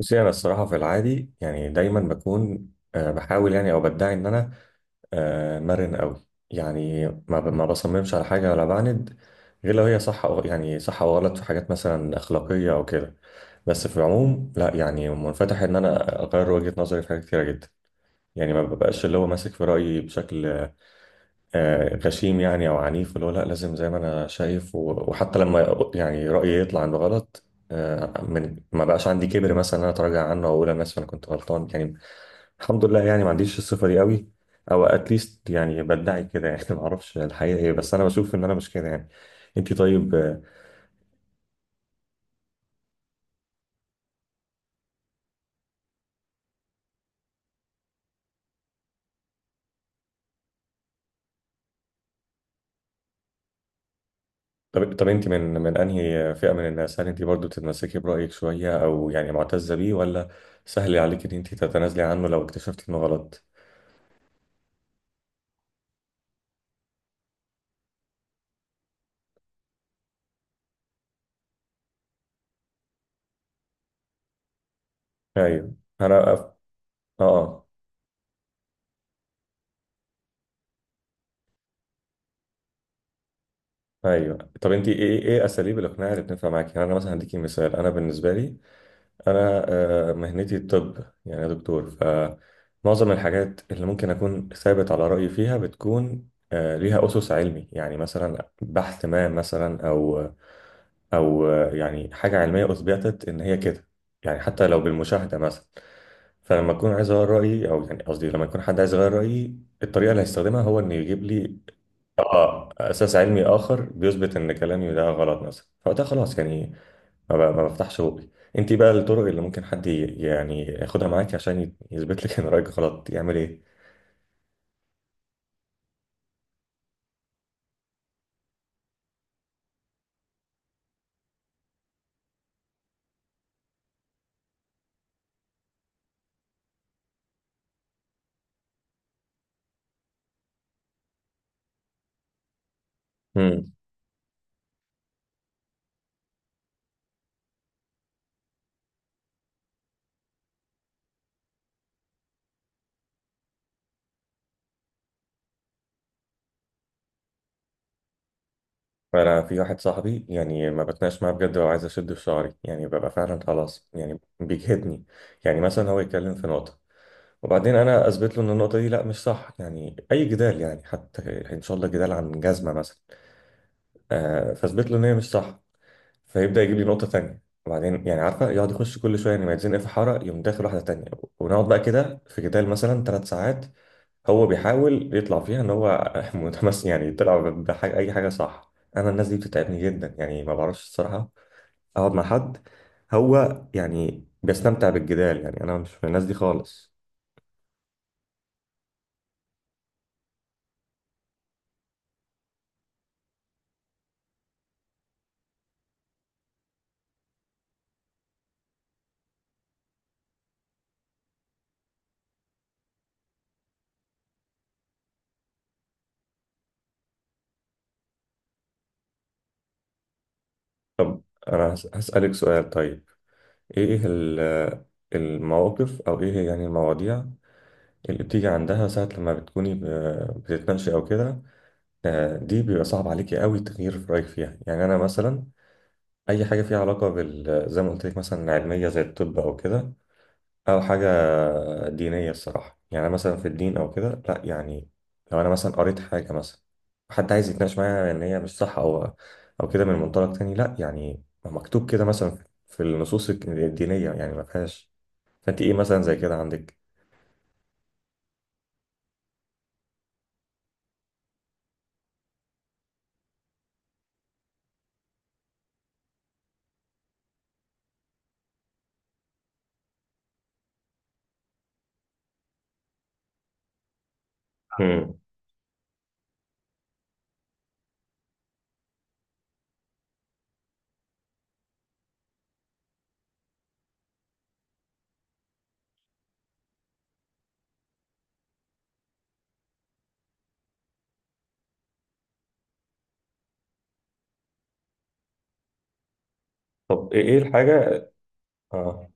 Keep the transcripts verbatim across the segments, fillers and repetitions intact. بصي، انا الصراحه في العادي يعني دايما بكون آه، بحاول يعني او بدعي ان انا آه، مرن قوي. يعني ما ب- ما بصممش على حاجه ولا بعند، غير لو هي صح أو يعني صح او غلط في حاجات مثلا اخلاقيه او كده. بس في العموم لا، يعني منفتح ان انا اغير وجهه نظري في حاجات كتيره جدا. يعني ما ببقاش اللي هو ماسك في رايي بشكل آه، غشيم، يعني او عنيف، اللي هو لا لازم زي ما انا شايف و- وحتى لما يعني رايي يطلع عنده غلط. آه، من ما بقاش عندي كبر مثلا ان انا اتراجع عنه او اقول انا اسف انا كنت غلطان يعني. الحمد لله، يعني ما عنديش الصفه دي قوي، او اتليست يعني بدعي كده يعني ما اعرفش الحقيقه ايه، بس انا بشوف ان انا مش كده يعني. انت طيب؟ آه، طب طب انت من من انهي فئه من الناس؟ هل انت برضو تتمسكي برايك شويه، او يعني معتزه بيه، ولا سهل عليك ان انت تتنازلي عنه لو اكتشفتي انه غلط؟ ايوه. انا أف... اه. ايوه. طب انت ايه ايه اساليب الاقناع اللي بتنفع معاكي؟ يعني انا مثلا هديكي مثال. انا بالنسبه لي انا آه، مهنتي الطب. يعني أنا دكتور، فمعظم الحاجات اللي ممكن اكون ثابت على رايي فيها بتكون آه، ليها اسس علمي. يعني مثلا بحث ما مثلا، او او آه، يعني حاجه علميه اثبتت ان هي كده، يعني حتى لو بالمشاهده مثلا. فلما اكون عايز اغير رايي، او يعني قصدي لما يكون حد عايز يغير رايي، الطريقه اللي هيستخدمها هو انه يجيب لي اه اساس علمي اخر بيثبت ان كلامي ده غلط مثلا، فوقتها خلاص يعني ما, ب- ما بفتحش بوقي. انت بقى الطرق اللي ممكن حد ي- يعني ياخدها معاكي عشان ي- يثبت لك ان رايك غلط يعمل ايه؟ امم. فانا في واحد صاحبي، يعني ما بتناقش معاه بجد، لو عايز اشد في شعري يعني ببقى فعلا خلاص يعني بيجهدني. يعني مثلا هو يتكلم في نقطه، وبعدين انا اثبت له ان النقطه دي لا مش صح. يعني اي جدال، يعني حتى ان شاء الله جدال عن جزمه مثلا، آه فاثبت له ان هي مش صح، فيبدأ يجيب لي نقطة تانية، وبعدين يعني عارفة، يقعد يخش كل شوية، يعني ما يتزنق في حارة يقوم داخل واحدة تانية. ونقعد بقى كده في جدال مثلا ثلاث ساعات. هو بيحاول يطلع فيها ان هو متمس، يعني يطلع بحاجة، أي حاجة صح. أنا الناس دي بتتعبني جدا يعني، ما بعرفش الصراحة. أقعد مع حد هو يعني بيستمتع بالجدال؟ يعني أنا مش من الناس دي خالص. طب أنا هس- هسألك سؤال طيب. إيه ال- المواقف أو إيه يعني المواضيع اللي بتيجي عندها ساعة لما بتكوني ب- بتتناقشي أو كده، آه، دي بيبقى صعب عليكي قوي تغيير في رايك فيها؟ يعني انا مثلا اي حاجه فيها علاقه بال، زي ما قلت لك، مثلا علميه زي الطب او كده، او حاجه دينيه الصراحه، يعني مثلا في الدين او كده، لا يعني لو انا مثلا قريت حاجه مثلا، حد عايز يتناقش معايا ان هي مش صح، او او كده من منطلق تاني، لا يعني ما مكتوب كده مثلا في النصوص الدينيه يعني ما فيهاش. فانت ايه مثلا زي كده عندك؟ امم. طب ايه إيه الحاجه؟ اه.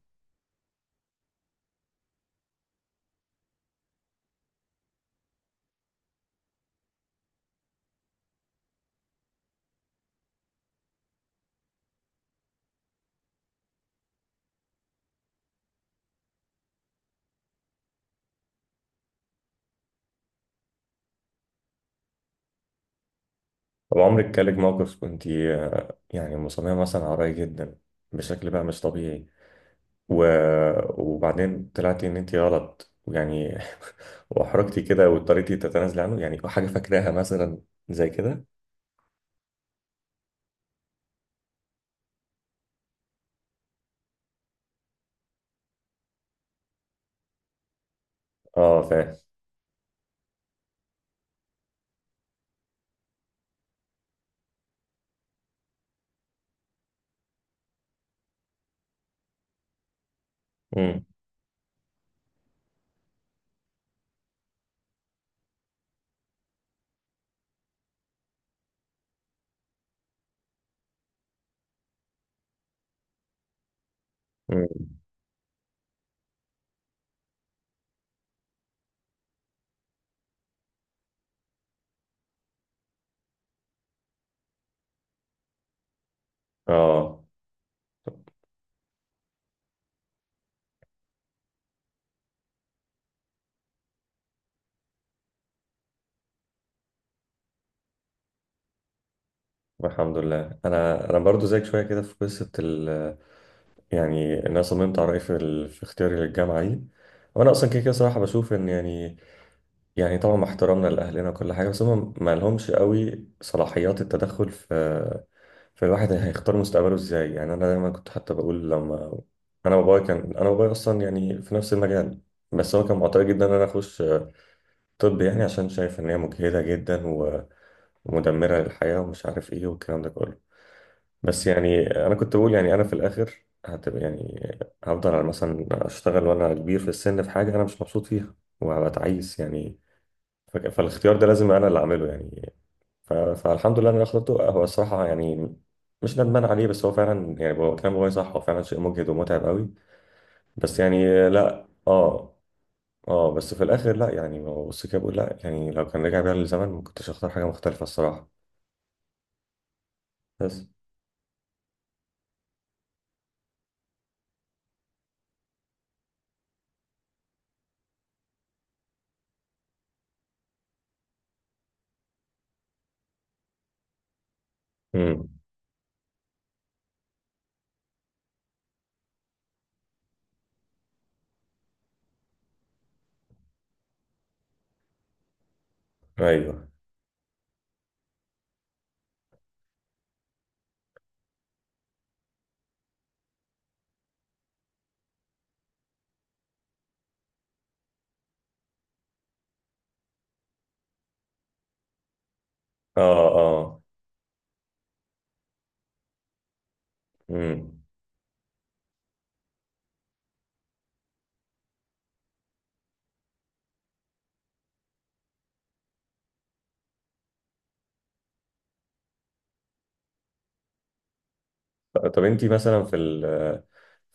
طب عمرك جالك موقف كنت يعني مصممة مثلا على رأي جدا، بشكل بقى مش طبيعي، و... وبعدين طلعتي ان انت غلط يعني، واحرجتي كده واضطريتي تتنازلي عنه؟ يعني حاجة فاكراها مثلا زي كده. اه فاهم. مم. مم. اه الحمد لله. انا انا برضو زيك شويه كده في قصه ال... يعني إن انا صممت على رايي في, ال... في اختياري للجامعه دي. وانا اصلا كده كده صراحه بشوف ان يعني، يعني طبعا مع احترامنا لأهلنا وكل حاجة، بس هم ما لهمش قوي صلاحيات التدخل في، في الواحد هيختار مستقبله ازاي. يعني أنا دايما كنت حتى بقول، لما أنا بابايا كان أنا بابايا أصلا يعني في نفس المجال، بس هو كان معترض جدا إن أنا أخش طب، يعني عشان شايف إن هي مجهدة جدا و- ومدمرة للحياة ومش عارف إيه والكلام ده كله. بس يعني أنا كنت بقول يعني أنا في الآخر هتبقى، يعني هفضل على مثلا أشتغل وأنا كبير في السن في حاجة أنا مش مبسوط فيها وهبقى تعيس يعني. ف- فالاختيار ده لازم انا اللي اعمله يعني. ف- فالحمد لله إن انا اخترته هو الصراحه يعني. مش ندمان عليه، بس هو فعلا يعني هو كلام بابايا صح، هو فعلا شيء مجهد ومتعب قوي. بس يعني لا اه. اه بس في الاخر لا يعني. هو بص كده بقول لا، يعني لو كان رجع بيا للزمن ما كنتش اختار حاجه مختلفه الصراحه. بس. امم. ايوه. اه اه. امم. طب انتي مثلا في ال-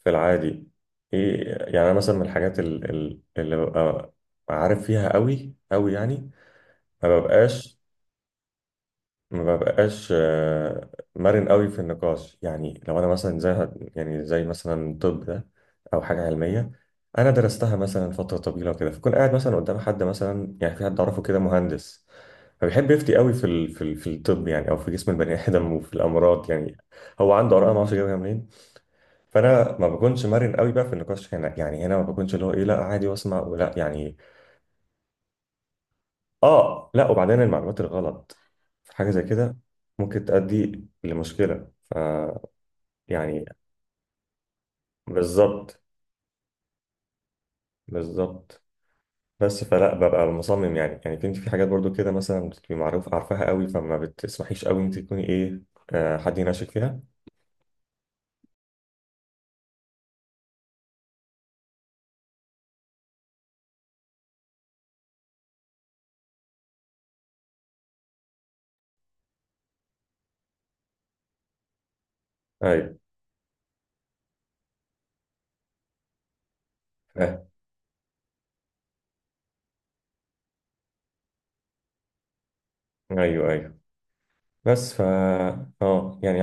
في العادي ايه؟ يعني انا مثلا من الحاجات ال- ال- اللي ببقى عارف فيها قوي قوي، يعني ما ببقاش ما ببقاش آه، مرن قوي في النقاش. يعني لو انا مثلا زي، يعني زي مثلا طب ده، او حاجه علميه انا درستها مثلا فتره طويله وكده، فكون قاعد مثلا قدام حد، مثلا يعني في حد اعرفه كده مهندس فبيحب يفتي قوي في ال... في ال... في الطب يعني، او في جسم البني ادم وفي الامراض يعني. هو عنده اراء ما اعرفش جايبها منين. فانا ما بكونش مرن قوي بقى في النقاش هنا. يعني هنا ما بكونش اللي هو ايه لا عادي واسمع ولا يعني. اه لا، وبعدين المعلومات الغلط في حاجه زي كده ممكن تؤدي لمشكله ف يعني. بالظبط. بالظبط. بس فلا ببقى مصمم يعني، يعني كنت في حاجات برضو كده مثلا بتبقي معروف عارفاها قوي، فما بتسمحيش قوي انت تكوني ايه آه حد يناقشك فيها. ايوه. آه. ايوه ايوه. بس ف اه يعني.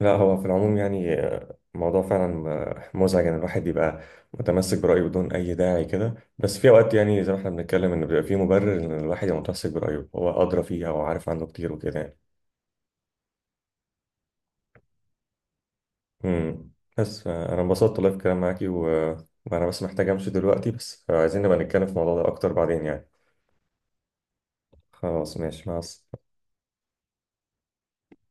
لا هو في العموم يعني الموضوع فعلا مزعج ان الواحد يبقى متمسك برأيه بدون اي داعي كده، بس في اوقات يعني زي ما احنا بنتكلم ان بيبقى في مبرر ان الواحد يبقى متمسك برأيه، هو ادرى فيها وعارف عنه كتير وكده يعني. امم. بس آه، انا انبسطت والله في الكلام معاكي و... وانا بس محتاج امشي دلوقتي، بس عايزين نبقى نتكلم في الموضوع ده اكتر بعدين يعني. خلاص، ماشي، مع السلامة.